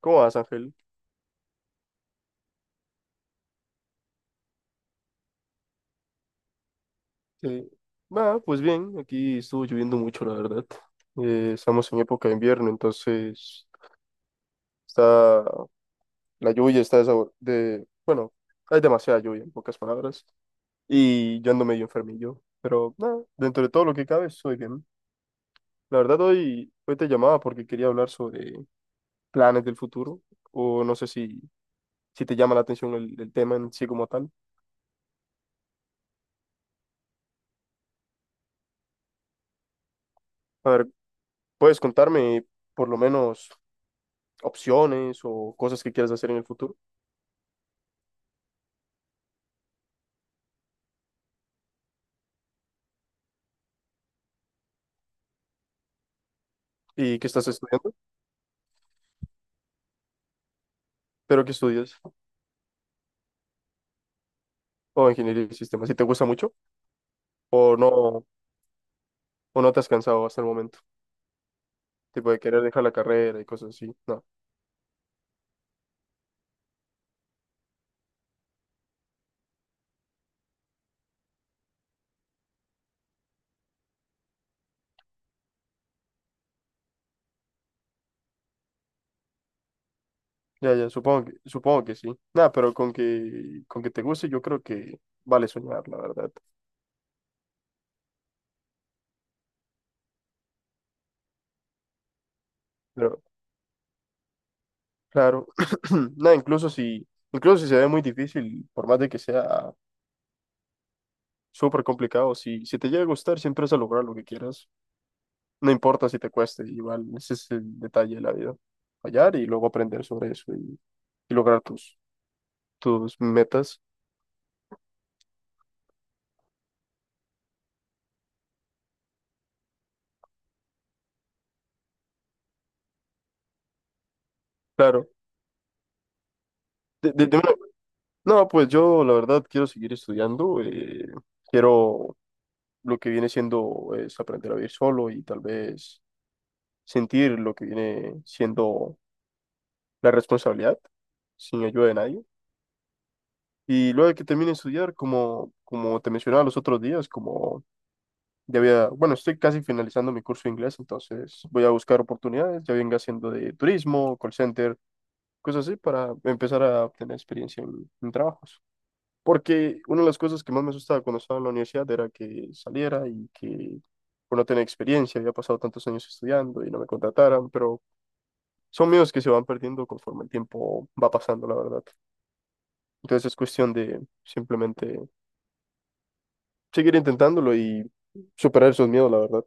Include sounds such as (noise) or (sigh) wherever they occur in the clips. ¿Cómo vas, Ángel? Eh, pues bien, aquí estuvo lloviendo mucho, la verdad. Estamos en época de invierno, entonces está la lluvia está de- bueno, hay demasiada lluvia, en pocas palabras, y yo ando medio enfermillo, pero nada, dentro de todo lo que cabe, estoy bien. La verdad, hoy te llamaba porque quería hablar sobre planes del futuro, o no sé si te llama la atención el tema en sí como tal. A ver, ¿puedes contarme por lo menos opciones o cosas que quieras hacer en el futuro y que estás estudiando, pero que estudias o ingeniería de sistemas, si te gusta mucho o no, o no te has cansado hasta el momento, tipo de querer dejar la carrera y cosas así? No, ya, ya, supongo supongo que sí. Nada, pero con que te guste, yo creo que vale soñar, la verdad. Pero claro, (clears throat) nada, incluso si se ve muy difícil, por más de que sea súper complicado, si te llega a gustar, siempre vas a lograr lo que quieras. No importa si te cueste, igual ese es el detalle de la vida. Fallar y luego aprender sobre eso y lograr tus metas. Claro. De- de- de una- no, pues yo la verdad quiero seguir estudiando. Quiero lo que viene siendo es aprender a vivir solo y tal vez sentir lo que viene siendo la responsabilidad sin ayuda de nadie. Y luego que termine de estudiar, como te mencionaba los otros días, como ya había, bueno, estoy casi finalizando mi curso de inglés, entonces voy a buscar oportunidades, ya venga haciendo de turismo, call center, cosas así, para empezar a obtener experiencia en trabajos. Porque una de las cosas que más me asustaba cuando estaba en la universidad era que saliera y que por no tener experiencia, había pasado tantos años estudiando y no me contrataran, pero son miedos que se van perdiendo conforme el tiempo va pasando, la verdad. Entonces es cuestión de simplemente seguir intentándolo y superar esos miedos, la verdad.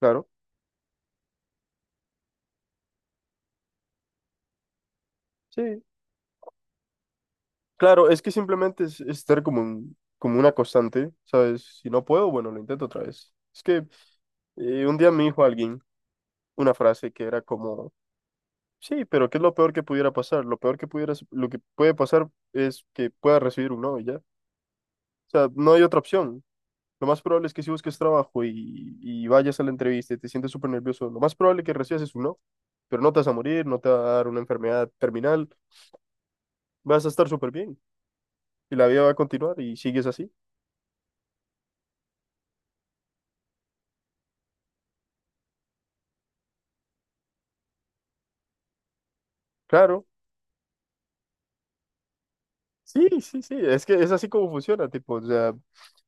Claro. Sí. Claro, es que simplemente es estar como, como una constante, ¿sabes? Si no puedo, bueno, lo intento otra vez. Es que un día me dijo alguien una frase que era como, sí, pero ¿qué es lo peor que pudiera pasar? Lo peor que pudiera, lo que puede pasar es que puedas recibir un no y ya. O sea, no hay otra opción. Lo más probable es que si busques trabajo y vayas a la entrevista y te sientes súper nervioso, lo más probable que recibas es un no, pero no te vas a morir, no te va a dar una enfermedad terminal, vas a estar súper bien y la vida va a continuar y sigues así. Claro. Sí, sí, sí, es que es así como funciona, tipo, o sea,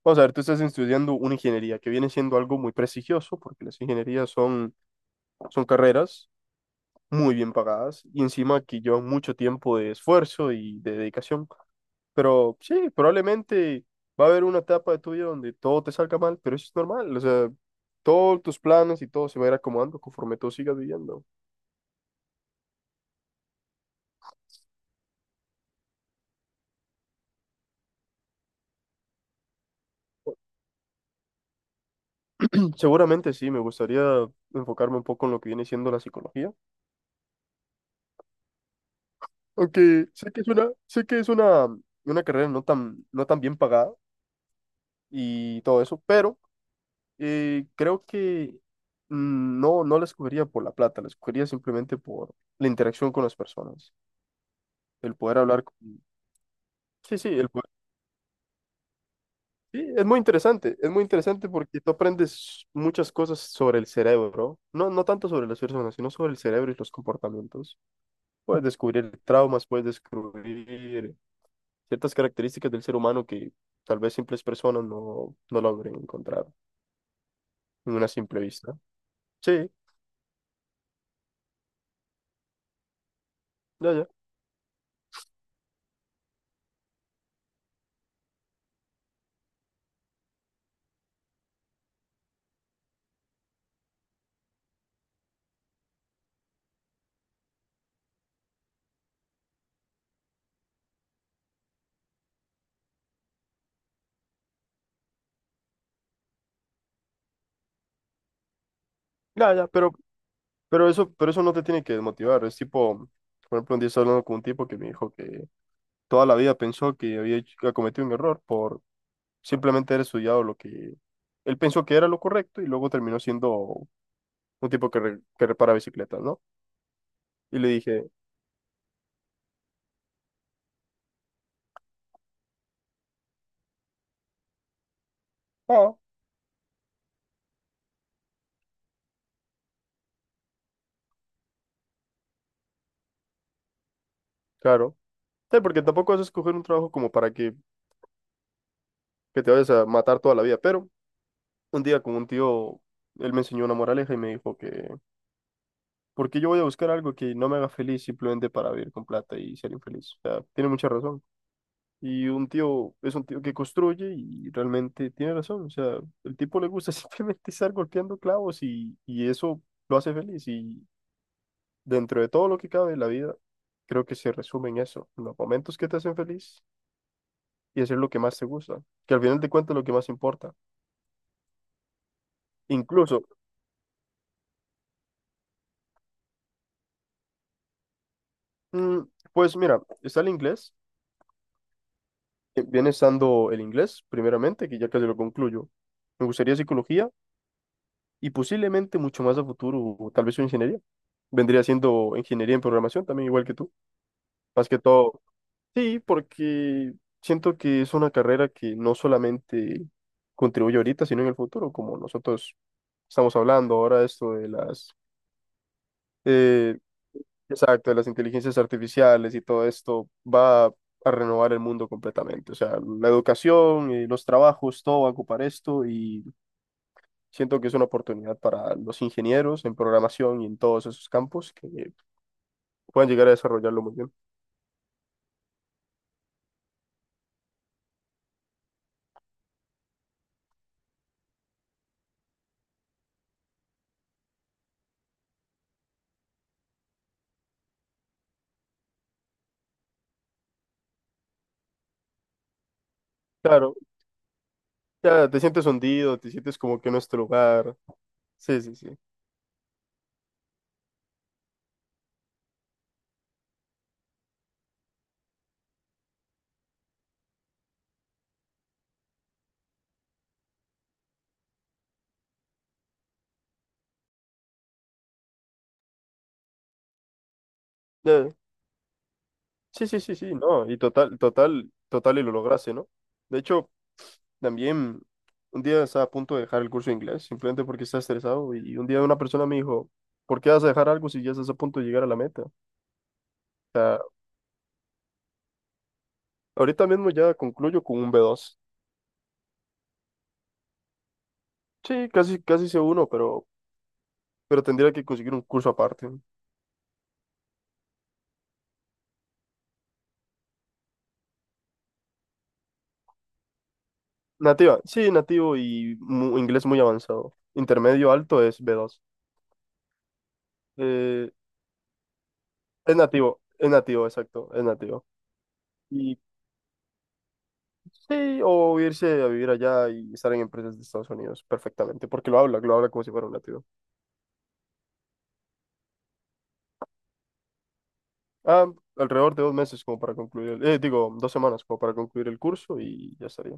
vamos a ver, tú estás estudiando una ingeniería que viene siendo algo muy prestigioso, porque las ingenierías son, son carreras muy bien pagadas y encima que llevan mucho tiempo de esfuerzo y de dedicación, pero sí, probablemente va a haber una etapa de tu vida donde todo te salga mal, pero eso es normal, o sea, todos tus planes y todo se va a ir acomodando conforme tú sigas viviendo. Seguramente sí, me gustaría enfocarme un poco en lo que viene siendo la psicología. Aunque sé que es sé que es una carrera no no tan bien pagada y todo eso, pero creo que no, no la escogería por la plata, la escogería simplemente por la interacción con las personas, el poder hablar con... Sí, sí, sí, es muy interesante porque tú aprendes muchas cosas sobre el cerebro, no, no tanto sobre las personas, sino sobre el cerebro y los comportamientos. Puedes descubrir traumas, puedes descubrir ciertas características del ser humano que tal vez simples personas no logren encontrar en una simple vista. Sí, ya, ya, ya, ya, pero eso no te tiene que desmotivar. Es tipo, por ejemplo, un día estaba hablando con un tipo que me dijo que toda la vida pensó que que cometido un error por simplemente haber estudiado lo que él pensó que era lo correcto y luego terminó siendo un tipo que repara bicicletas, ¿no? Y le dije, ah, claro. Sí, porque tampoco vas a escoger un trabajo como para que te vayas a matar toda la vida, pero un día con un tío, él me enseñó una moraleja y me dijo que, ¿por qué yo voy a buscar algo que no me haga feliz simplemente para vivir con plata y ser infeliz? O sea, tiene mucha razón. Y un tío es un tío que construye y realmente tiene razón. O sea, el tipo le gusta (laughs) simplemente estar golpeando clavos y eso lo hace feliz. Y dentro de todo lo que cabe en la vida, creo que se resume en eso, en los momentos que te hacen feliz y hacer lo que más te gusta, que al final de cuentas es lo que más importa. Incluso, mm, pues mira, está el inglés. Viene estando el inglés, primeramente, que ya casi lo concluyo. Me gustaría psicología y posiblemente mucho más a futuro, o tal vez una ingeniería. Vendría siendo ingeniería en programación también, igual que tú. Más que todo, sí, porque siento que es una carrera que no solamente contribuye ahorita, sino en el futuro, como nosotros estamos hablando ahora, esto de las... Eh, exacto, de las inteligencias artificiales y todo esto va a renovar el mundo completamente. O sea, la educación y los trabajos, todo va a ocupar esto y siento que es una oportunidad para los ingenieros en programación y en todos esos campos que puedan llegar a desarrollarlo muy bien. Claro, ya te sientes hundido, te sientes como que no es tu lugar. Sí, sí, sí. Ya, sí, sí, sí, sí, no, y total, total, total, y lo lograste, ¿no? De hecho, también un día estaba a punto de dejar el curso de inglés, simplemente porque estaba estresado. Y un día una persona me dijo, ¿por qué vas a dejar algo si ya estás a punto de llegar a la meta? O sea, ahorita mismo ya concluyo con un B2. Sí, casi, casi C1, pero tendría que conseguir un curso aparte. Nativa, sí, nativo y inglés muy avanzado. Intermedio alto es B2. Eh, es nativo, es nativo, exacto, es nativo. Y sí, o irse a vivir allá y estar en empresas de Estados Unidos perfectamente, porque lo habla como si fuera un nativo. Ah, alrededor de 2 meses como para concluir el, digo, 2 semanas como para concluir el curso y ya estaría.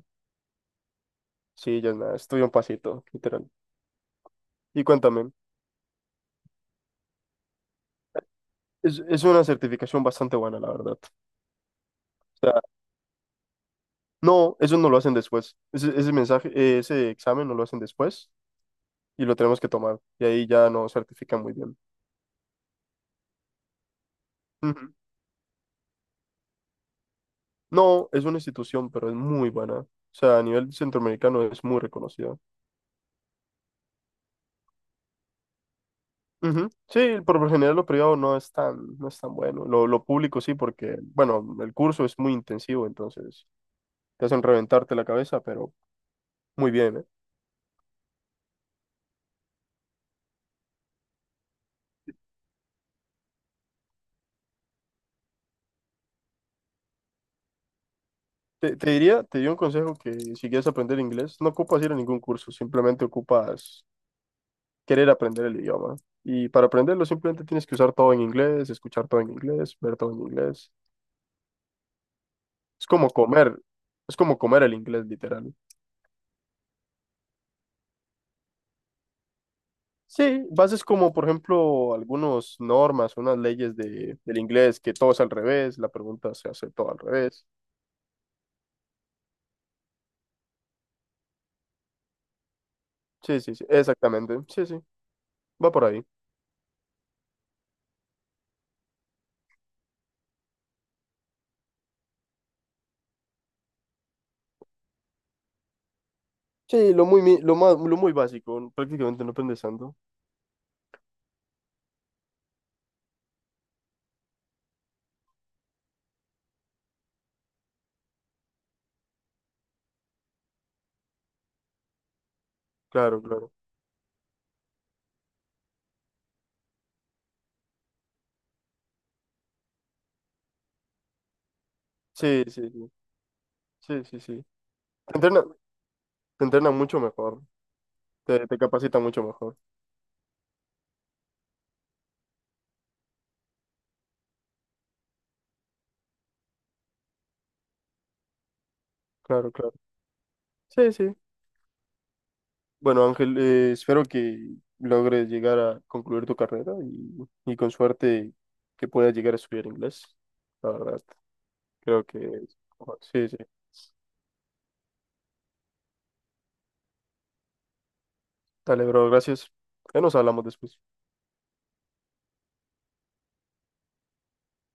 Sí, ya es nada, estoy un pasito, literal. Y cuéntame, es una certificación bastante buena, la verdad. O sea, no, eso no lo hacen después. Ese mensaje, ese examen no lo hacen después y lo tenemos que tomar. Y ahí ya no certifican muy bien. Ujú. No, es una institución, pero es muy buena. O sea, a nivel centroamericano es muy reconocida. Ujú. Sí, por lo general lo privado no es no es tan bueno. Lo público sí, porque, bueno, el curso es muy intensivo, entonces te hacen reventarte la cabeza, pero muy bien, ¿eh? Te diría, te di un consejo que si quieres aprender inglés, no ocupas ir a ningún curso, simplemente ocupas querer aprender el idioma. Y para aprenderlo simplemente tienes que usar todo en inglés, escuchar todo en inglés, ver todo en inglés. Es como comer, es como comer el inglés, literal. Sí, bases como, por ejemplo, algunas normas, unas leyes del inglés, que todo es al revés, la pregunta se hace todo al revés. Sí, sí, sí, exactamente. Sí, sí, va por ahí. Sí, lo más, lo muy básico, ¿no? Prácticamente no aprendes tanto. Claro, claro. Sí, sí, sí, sí, sí, sí. Te entrena, te entrena mucho mejor, te capacita mucho mejor. Claro, claro. Sí, sí. Bueno, Ángel, espero que logres llegar a concluir tu carrera y con suerte que puedas llegar a estudiar inglés. La verdad. Creo que... Sí, sí. Dale, bro, gracias. Ya nos hablamos después.